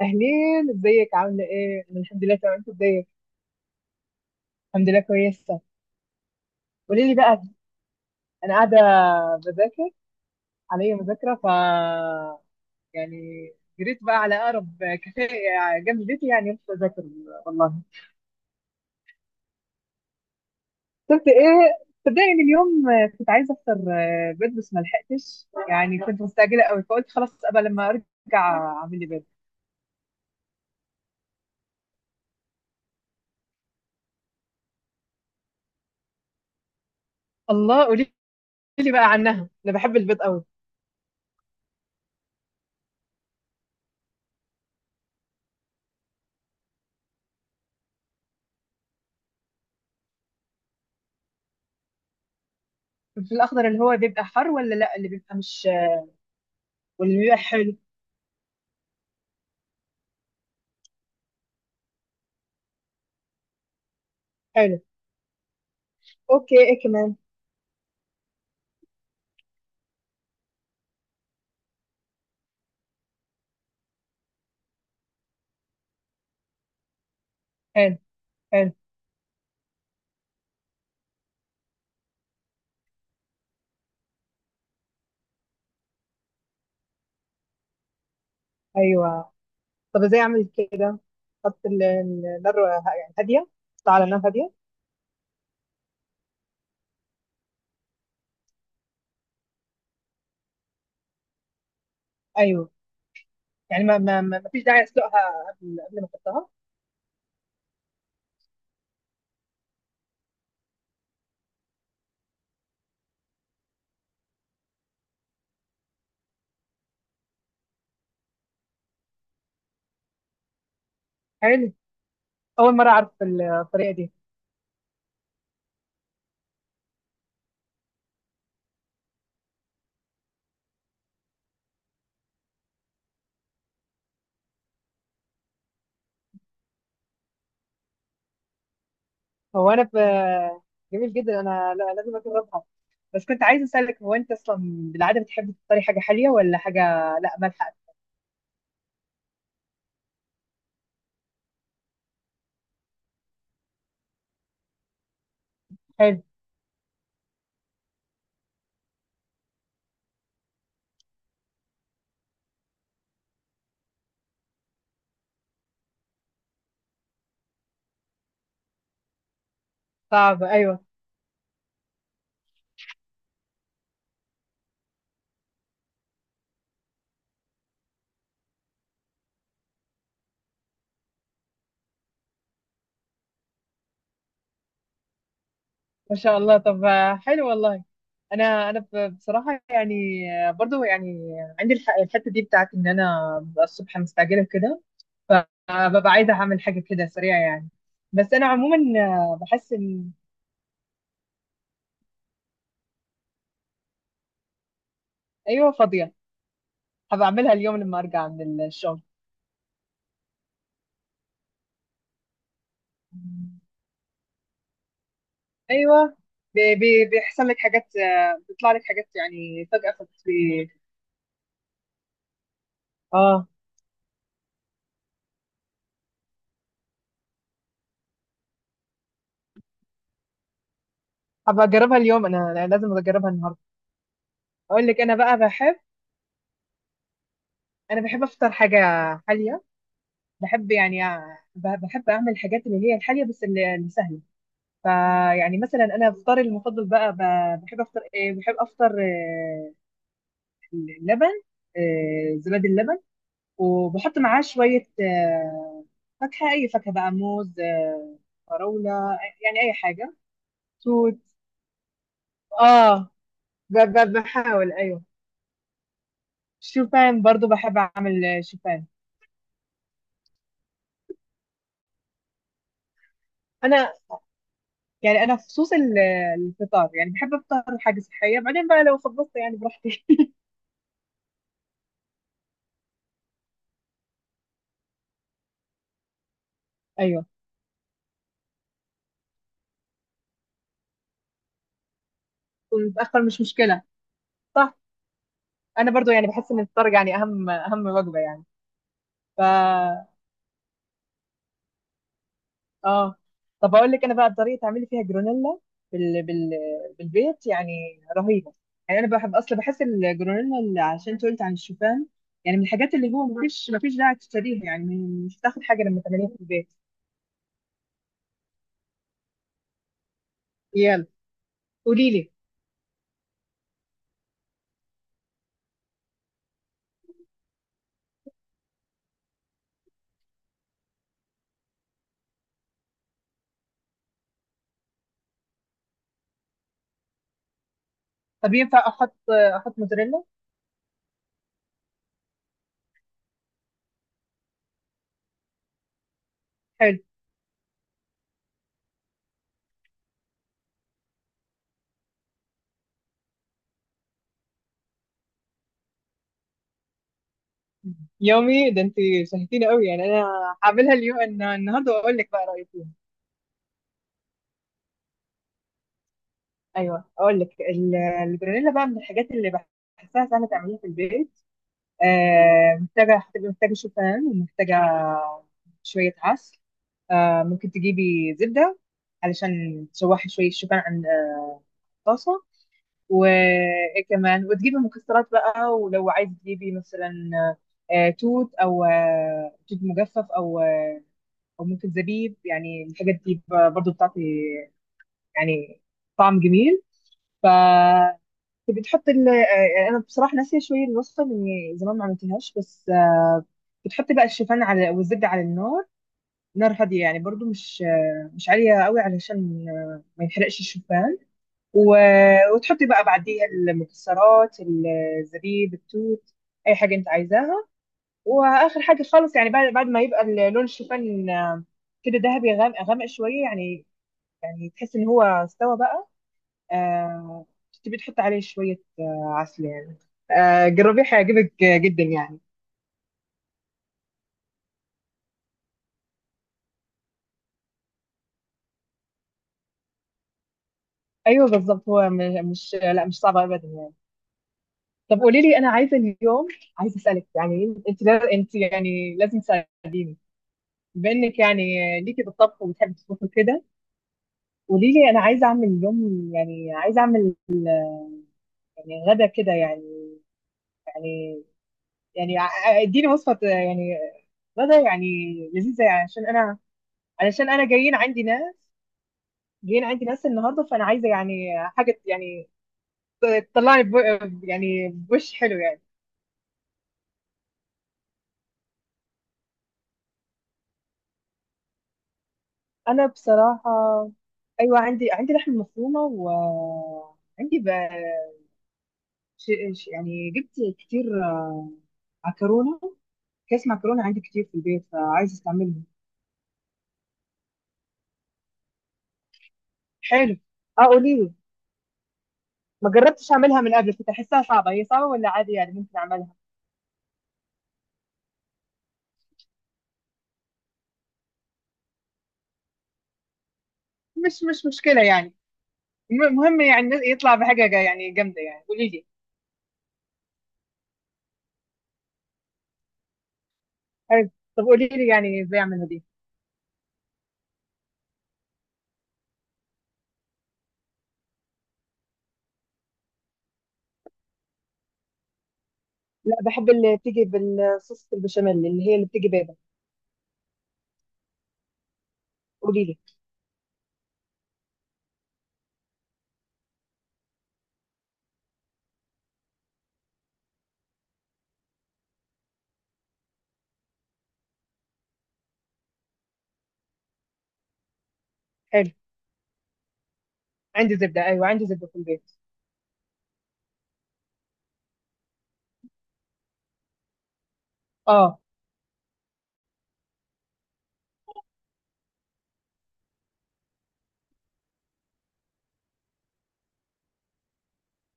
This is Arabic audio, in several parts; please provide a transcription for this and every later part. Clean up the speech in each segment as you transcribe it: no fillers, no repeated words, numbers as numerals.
اهلين، ازيك؟ عامله ايه؟ انا الحمد لله تمام، انت ازيك؟ الحمد لله كويسه. قولي لي بقى. انا قاعده بذاكر. عليا مذاكره، ف يعني جريت بقى على اقرب كافيه، يعني جنب بيتي، يعني رحت اذاكر والله. كنت ايه، صدقني إن اليوم كنت عايزه افطر بيض بس ما لحقتش، يعني كنت مستعجله قوي فقلت خلاص ابقى لما ارجع اعمل لي بيض. الله، قولي لي بقى عنها، انا بحب البيض قوي. في الاخضر اللي هو بيبقى حار ولا لا، اللي بيبقى مش واللي بيبقى حلو؟ حلو. اوكي، ايه كمان؟ حلو. حلو. ايوه. طب ازاي اعمل كده؟ النار، يعني هاديه. احطها على نار هاديه؟ ايوه. يعني ما فيش داعي اسلقها قبل ما احطها؟ حلو. اول مره اعرف الطريقه دي. هو انا ب... جميل جدا. انا لازم اجربها. بس كنت عايزه اسالك، هو انت اصلا بالعاده بتحب تفطري حاجه حاليه ولا حاجه؟ لا، مالحه. حلو. صعب، ايوه. ما شاء الله. طب حلو والله. انا بصراحه، يعني برضو يعني عندي الحته دي بتاعت ان انا ببقى الصبح مستعجله كده، فببقى عايزه اعمل حاجه كده سريعه يعني. بس انا عموما بحس ان... ايوه، فاضيه. هبقى اعملها اليوم لما ارجع من الشغل. ايوه. بيحصل لك حاجات، بيطلع لك حاجات يعني فجاه، اه. هبقى اجربها اليوم، أنا لازم اجربها النهارده. اقول لك انا بقى بحب. انا بحب افطر حاجه حاليه. بحب يعني بحب اعمل الحاجات اللي هي الحاليه بس اللي سهله. فيعني مثلا انا افطاري المفضل بقى، بحب افطر ايه، بحب افطر اللبن، زبادي اللبن، وبحط معاه شويه فاكهه، اي فاكهه بقى، موز، فراوله، يعني اي حاجه. توت. اه. بحاول، ايوه. شوفان برضو بحب اعمل شوفان. انا يعني انا في خصوص الفطار يعني بحب افطر حاجه صحيه، بعدين بقى لو خبصت يعني براحتي. ايوه. ونتاخر مش مشكله. صح. انا برضو يعني بحس ان الفطار يعني اهم اهم وجبه يعني. ف... اه. طب اقول لك انا بقى الطريقه تعملي فيها جرونيلا بال... بال... بالبيت يعني. رهيبه. يعني انا بحب اصلا، بحس الجرونيلا اللي، عشان انت قلت عن الشوفان، يعني من الحاجات اللي هو مفيش داعي تشتريها يعني. مش هتاخد حاجه لما تعمليها في البيت. يلا، قولي لي. طب ينفع احط، احط موتزاريلا؟ حلو. يومي ده انت! شهتيني قوي يعني انا. هعملها اليوم النهارده واقول لك بقى رايي. ايوه، اقول لك الجرانيلا بقى من الحاجات اللي بحسها سهله تعمليها في البيت. آه محتاجه، هتبقى محتاجه شوفان ومحتاجه شويه عسل. آه ممكن تجيبي زبده علشان تشوحي شويه شوفان عن الطاسه. وكمان وتجيبي مكسرات بقى، ولو عايز تجيبي مثلا توت، او توت مجفف، او او ممكن زبيب، يعني الحاجات دي برضو بتعطي يعني طعم جميل. ف... انت بتحط ال انا بصراحه ناسيه شويه الوصفه لاني زمان ما عملتهاش، بس بتحطي بقى الشوفان على، والزبده على النار، نار هاديه يعني، برضو مش مش عاليه قوي علشان ما يحرقش الشوفان. و... وتحطي بقى بعديها المكسرات، الزبيب، التوت، اي حاجه انت عايزاها. واخر حاجه خالص يعني، بعد ما يبقى لون الشوفان كده ذهبي غامق، غامق شويه يعني، يعني تحس ان هو استوى بقى. آه. تبي تحط عليه شوية عسل يعني. آه جربيه، هيعجبك جدا يعني. ايوه بالظبط. هو مش، لا مش صعب ابدا يعني. طب قولي لي، انا عايزه اليوم، عايزه اسالك يعني، انت لا- انت يعني لازم تساعديني بما انك يعني ليكي بالطبخ وبتحبي تطبخي كده. قولي لي، انا عايزه اعمل اليوم، يعني عايزه اعمل يعني غدا كده يعني، يعني، يعني اديني وصفه، يعني غدا يعني لذيذه، يعني عشان انا، علشان انا جايين عندي ناس، جايين عندي ناس النهارده فانا عايزه يعني حاجه يعني تطلعني بو، يعني بوش حلو يعني. انا بصراحه، ايوه عندي لحم مفرومه، وعندي ش... يعني جبت كتير عكرونه كيس معكرونه، عندي كتير في البيت فعايزه استعملهم. حلو. اه قولي لي. ما جربتش اعملها من قبل، كنت احسها صعبه. هي صعبه ولا عادي يعني ممكن اعملها؟ مش مشكله يعني. المهم يعني يطلع بحاجه يعني جامده يعني. قولي لي. حلو. طب قولي لي يعني ازاي اعملها دي. لا، بحب اللي بتيجي بالصوص البشاميل، اللي هي اللي بتيجي بيضه. قولي لي. حلو. عندي زبده. ايوه عندي زبده في البيت. اه.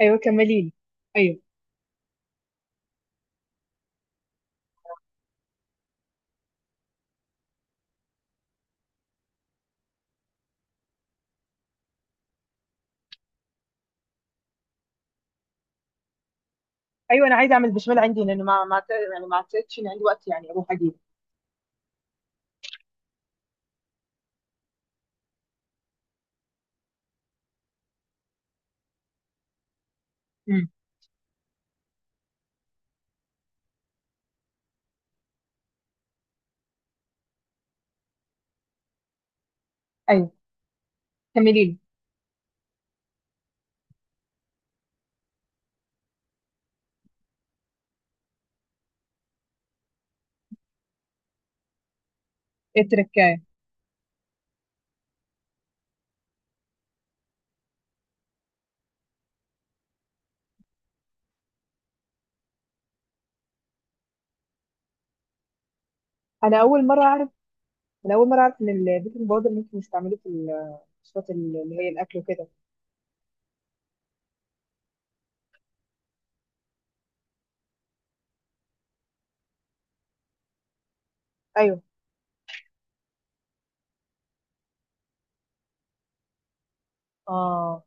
ايوه كملي لي. ايوه. ايوه انا عايزه اعمل بشاميل عندي لان ما يعني ما اعتقدش ان عندي وقت يعني اروح اجيبه. امم. ايوه كملي لي. ايه التركايه؟ انا اول مره اعرف انا اول مره اعرف ان البيكنج باودر ممكن يستعملوه في الصوصات اللي هي الاكل وكده. ايوه. اه.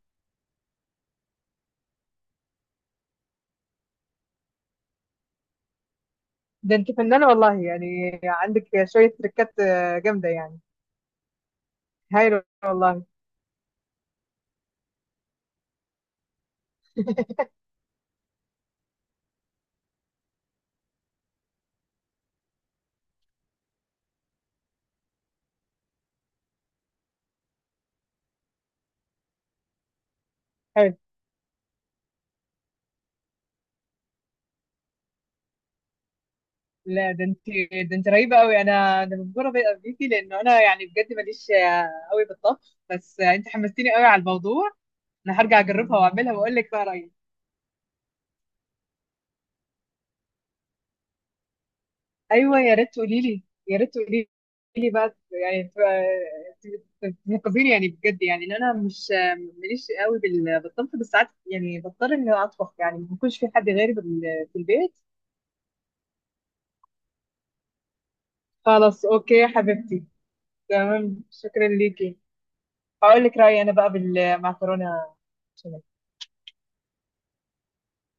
ده انت فنانه والله! يعني عندك شويه تركات جامده يعني. هايله والله. لا، ده انت رهيبه قوي. انا مبهوره بيكي، لانه انا يعني بجد ماليش قوي بالطبخ، بس انت حمستيني قوي على الموضوع. انا هرجع اجربها واعملها واقول لك بقى رايي. ايوه، يا ريت تقولي لي. يا ريت تقولي لي بقى يعني ت- تنقذيني يعني بجد، يعني ان انا مش ماليش قوي بالطبخ، بس ساعات يعني بضطر اني اطبخ يعني، ما بيكونش في حد غيري في البيت. خلاص اوكي يا حبيبتي. تمام، شكرا ليكي. هقول لك رايي انا بقى بالمعكرونه.